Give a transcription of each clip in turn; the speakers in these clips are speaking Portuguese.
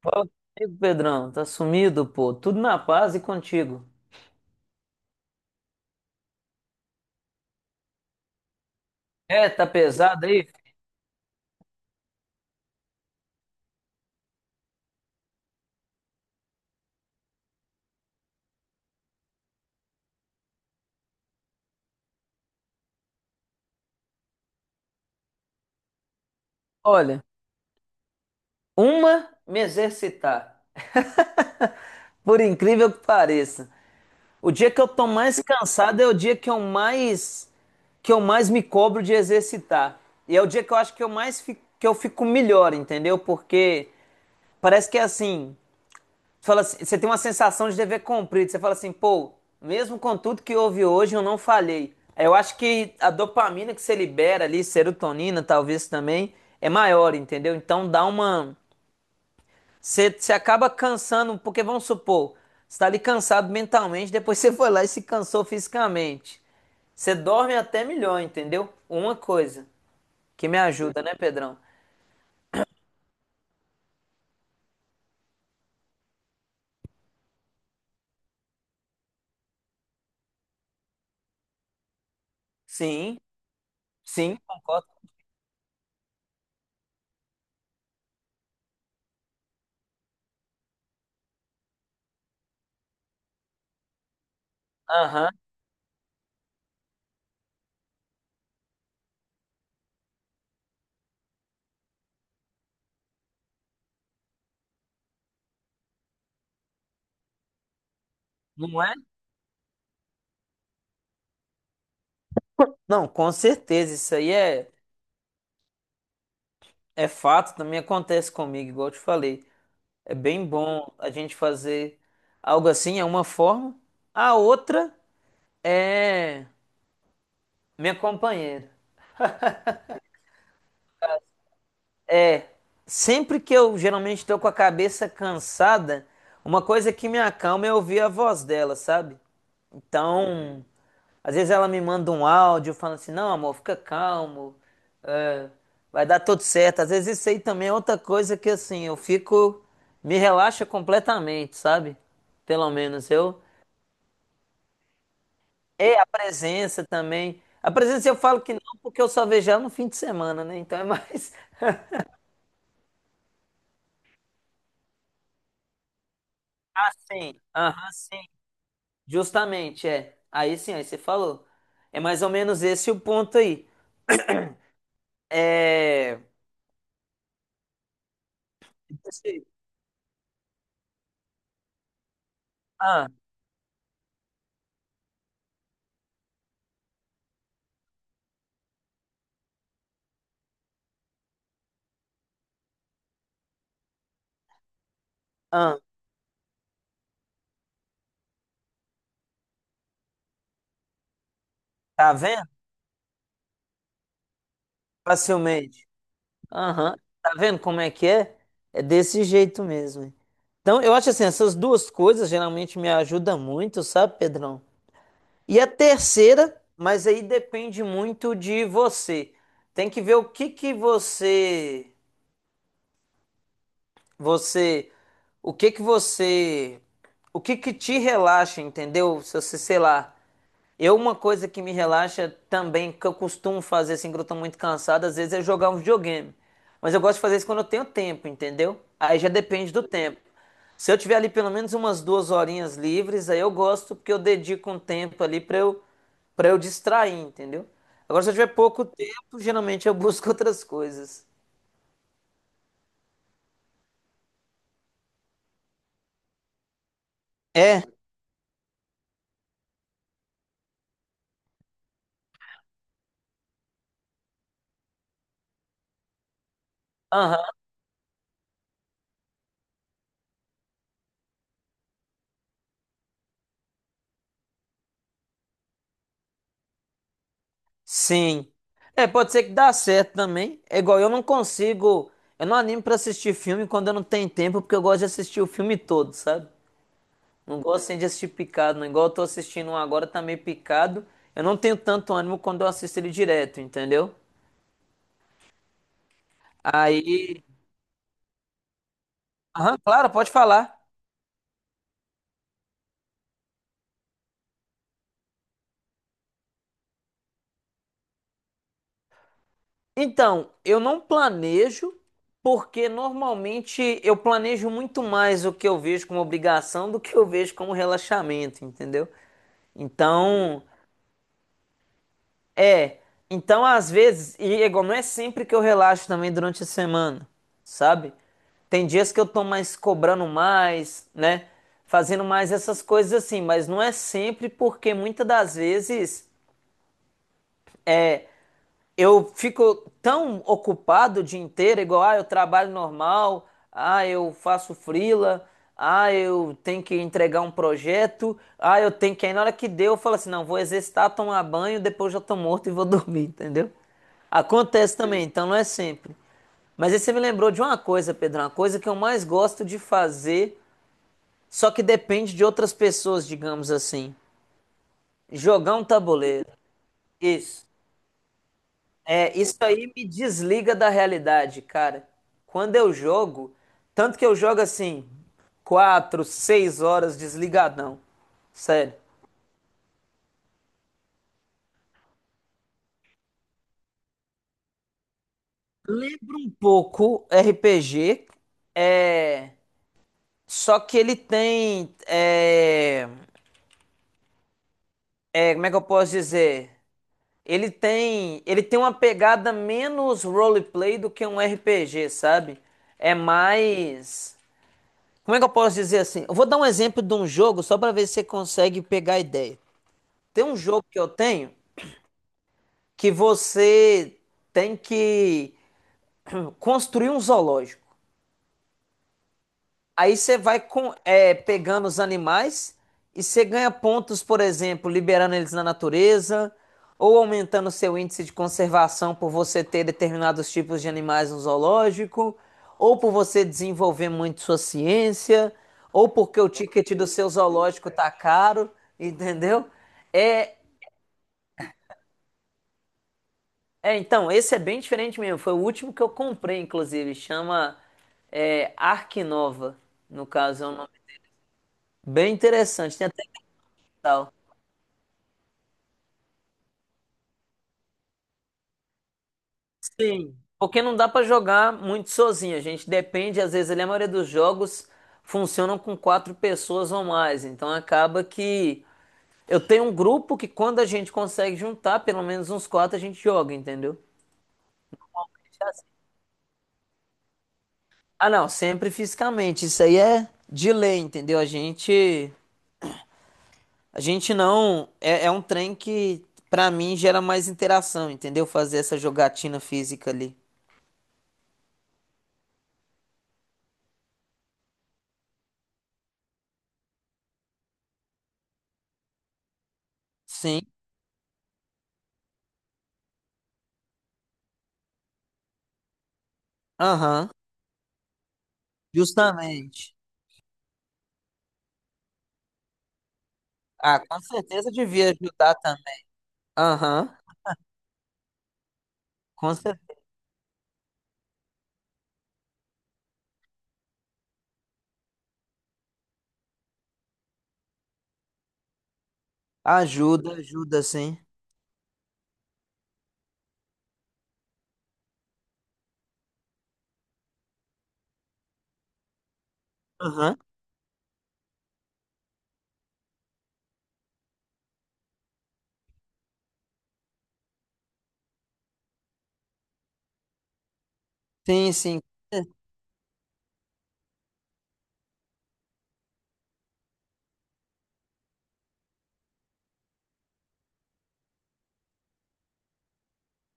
Fala comigo, Pedrão. Tá sumido, pô. Tudo na paz e contigo. É, tá pesado aí? Olha, uma me exercitar. Por incrível que pareça. O dia que eu tô mais cansado é o dia que eu mais me cobro de exercitar. E é o dia que eu acho que eu mais fico, que eu fico melhor, entendeu? Porque parece que é assim, fala assim- você tem uma sensação de dever cumprido. Você fala assim, pô, mesmo com tudo que houve hoje, eu não falhei. É, eu acho que a dopamina que você libera ali, serotonina talvez também, é maior, entendeu? Então dá uma. Você acaba cansando, porque vamos supor, você tá ali cansado mentalmente, depois você foi lá e se cansou fisicamente. Você dorme até melhor, entendeu? Uma coisa que me ajuda, né, Pedrão? Sim, sim, concordo. Aham, não é? Não, com certeza, isso aí é. É fato, também acontece comigo, igual eu te falei. É bem bom a gente fazer algo assim, é uma forma. A outra é minha companheira. É, sempre que eu geralmente estou com a cabeça cansada, uma coisa que me acalma é ouvir a voz dela, sabe? Então, às vezes ela me manda um áudio falando assim: não, amor, fica calmo, vai dar tudo certo. Às vezes isso aí também é outra coisa que, assim, eu fico, me relaxa completamente, sabe? Pelo menos eu. É a presença também. A presença eu falo que não, porque eu só vejo ela no fim de semana, né? Então é mais. Ah, sim. Aham, sim. Justamente, é. Aí sim, aí você falou. É mais ou menos esse o ponto aí. É. Esse- ah, ah, tá vendo? Facilmente. Aham. Tá vendo como é que é? É desse jeito mesmo, hein? Então, eu acho assim, essas duas coisas geralmente me ajudam muito, sabe, Pedrão? E a terceira, mas aí depende muito de você. Tem que ver o que que você, você, o que que você, o que que te relaxa, entendeu? Se você, sei lá, eu, uma coisa que me relaxa também, que eu costumo fazer assim, quando eu tô muito cansado, às vezes é jogar um videogame. Mas eu gosto de fazer isso quando eu tenho tempo, entendeu? Aí já depende do tempo. Se eu tiver ali pelo menos umas duas horinhas livres, aí eu gosto, porque eu dedico um tempo ali para eu distrair, entendeu? Agora, se eu tiver pouco tempo, geralmente eu busco outras coisas. É. Aham. Sim. É, pode ser que dá certo também. É igual, eu não consigo. Eu não animo pra assistir filme quando eu não tenho tempo, porque eu gosto de assistir o filme todo, sabe? Não gosto assim, de assistir picado, não. Igual eu tô assistindo um agora, tá meio picado. Eu não tenho tanto ânimo quando eu assisto ele direto, entendeu? Aí. Aham, claro, pode falar. Então, eu não planejo, porque normalmente eu planejo muito mais o que eu vejo como obrigação do que eu vejo como relaxamento, entendeu? Então. É, então às vezes, e é igual, não é sempre que eu relaxo também durante a semana, sabe? Tem dias que eu tô mais cobrando mais, né? Fazendo mais essas coisas assim, mas não é sempre porque muitas das vezes eu fico tão ocupado o dia inteiro, igual, ah, eu trabalho normal, ah, eu faço freela, ah, eu tenho que entregar um projeto, ah, eu tenho que. Aí na hora que deu, eu falo assim: não, vou exercitar, tomar banho, depois já tô morto e vou dormir, entendeu? Acontece também, então não é sempre. Mas aí você me lembrou de uma coisa, Pedro, uma coisa que eu mais gosto de fazer, só que depende de outras pessoas, digamos assim: jogar um tabuleiro. Isso. É, isso aí me desliga da realidade, cara. Quando eu jogo, tanto que eu jogo assim, quatro, seis horas desligadão. Sério. Lembra um pouco RPG, é, só que ele tem, é, é, como é que eu posso dizer? Ele tem uma pegada menos roleplay do que um RPG, sabe? É mais, como é que eu posso dizer assim? Eu vou dar um exemplo de um jogo só pra ver se você consegue pegar a ideia. Tem um jogo que eu tenho que você tem que construir um zoológico. Aí você vai é, pegando os animais e você ganha pontos, por exemplo, liberando eles na natureza ou aumentando seu índice de conservação por você ter determinados tipos de animais no zoológico, ou por você desenvolver muito sua ciência, ou porque o ticket do seu zoológico tá caro, entendeu? É, É, então, esse é bem diferente mesmo. Foi o último que eu comprei, inclusive. Chama Arkinova, no caso. É um nome bem interessante. Tem até que tal. Sim. Porque não dá pra jogar muito sozinho. A gente depende, às vezes, ali, a maioria dos jogos funcionam com quatro pessoas ou mais. Então acaba que eu tenho um grupo que quando a gente consegue juntar, pelo menos uns quatro, a gente joga, entendeu? Ah, não, sempre fisicamente. Isso aí é de lei, entendeu? A gente não. É, é um trem que, pra mim, gera mais interação, entendeu? Fazer essa jogatina física ali. Sim. Aham. Justamente. Ah, com certeza devia ajudar também. Aham. Com certeza. Ajuda, ajuda, sim. Aham. Sim, sim.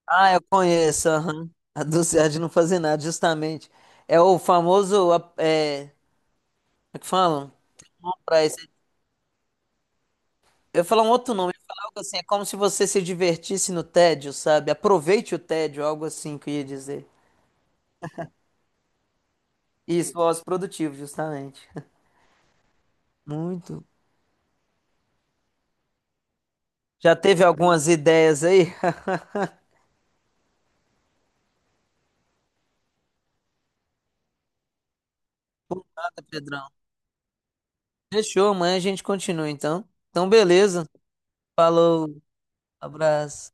Ah, eu conheço. Aham. A dulce de não fazer nada, justamente. É o famoso. É, como é que falam? Pra eu ia falar um outro nome, eu ia falar algo assim, é como se você se divertisse no tédio, sabe? Aproveite o tédio, algo assim que eu ia dizer. Isso, voz produtivo, justamente. Muito. Já teve algumas ideias aí, Nada, Pedrão? Fechou, amanhã a gente continua então. Então, beleza. Falou, abraço.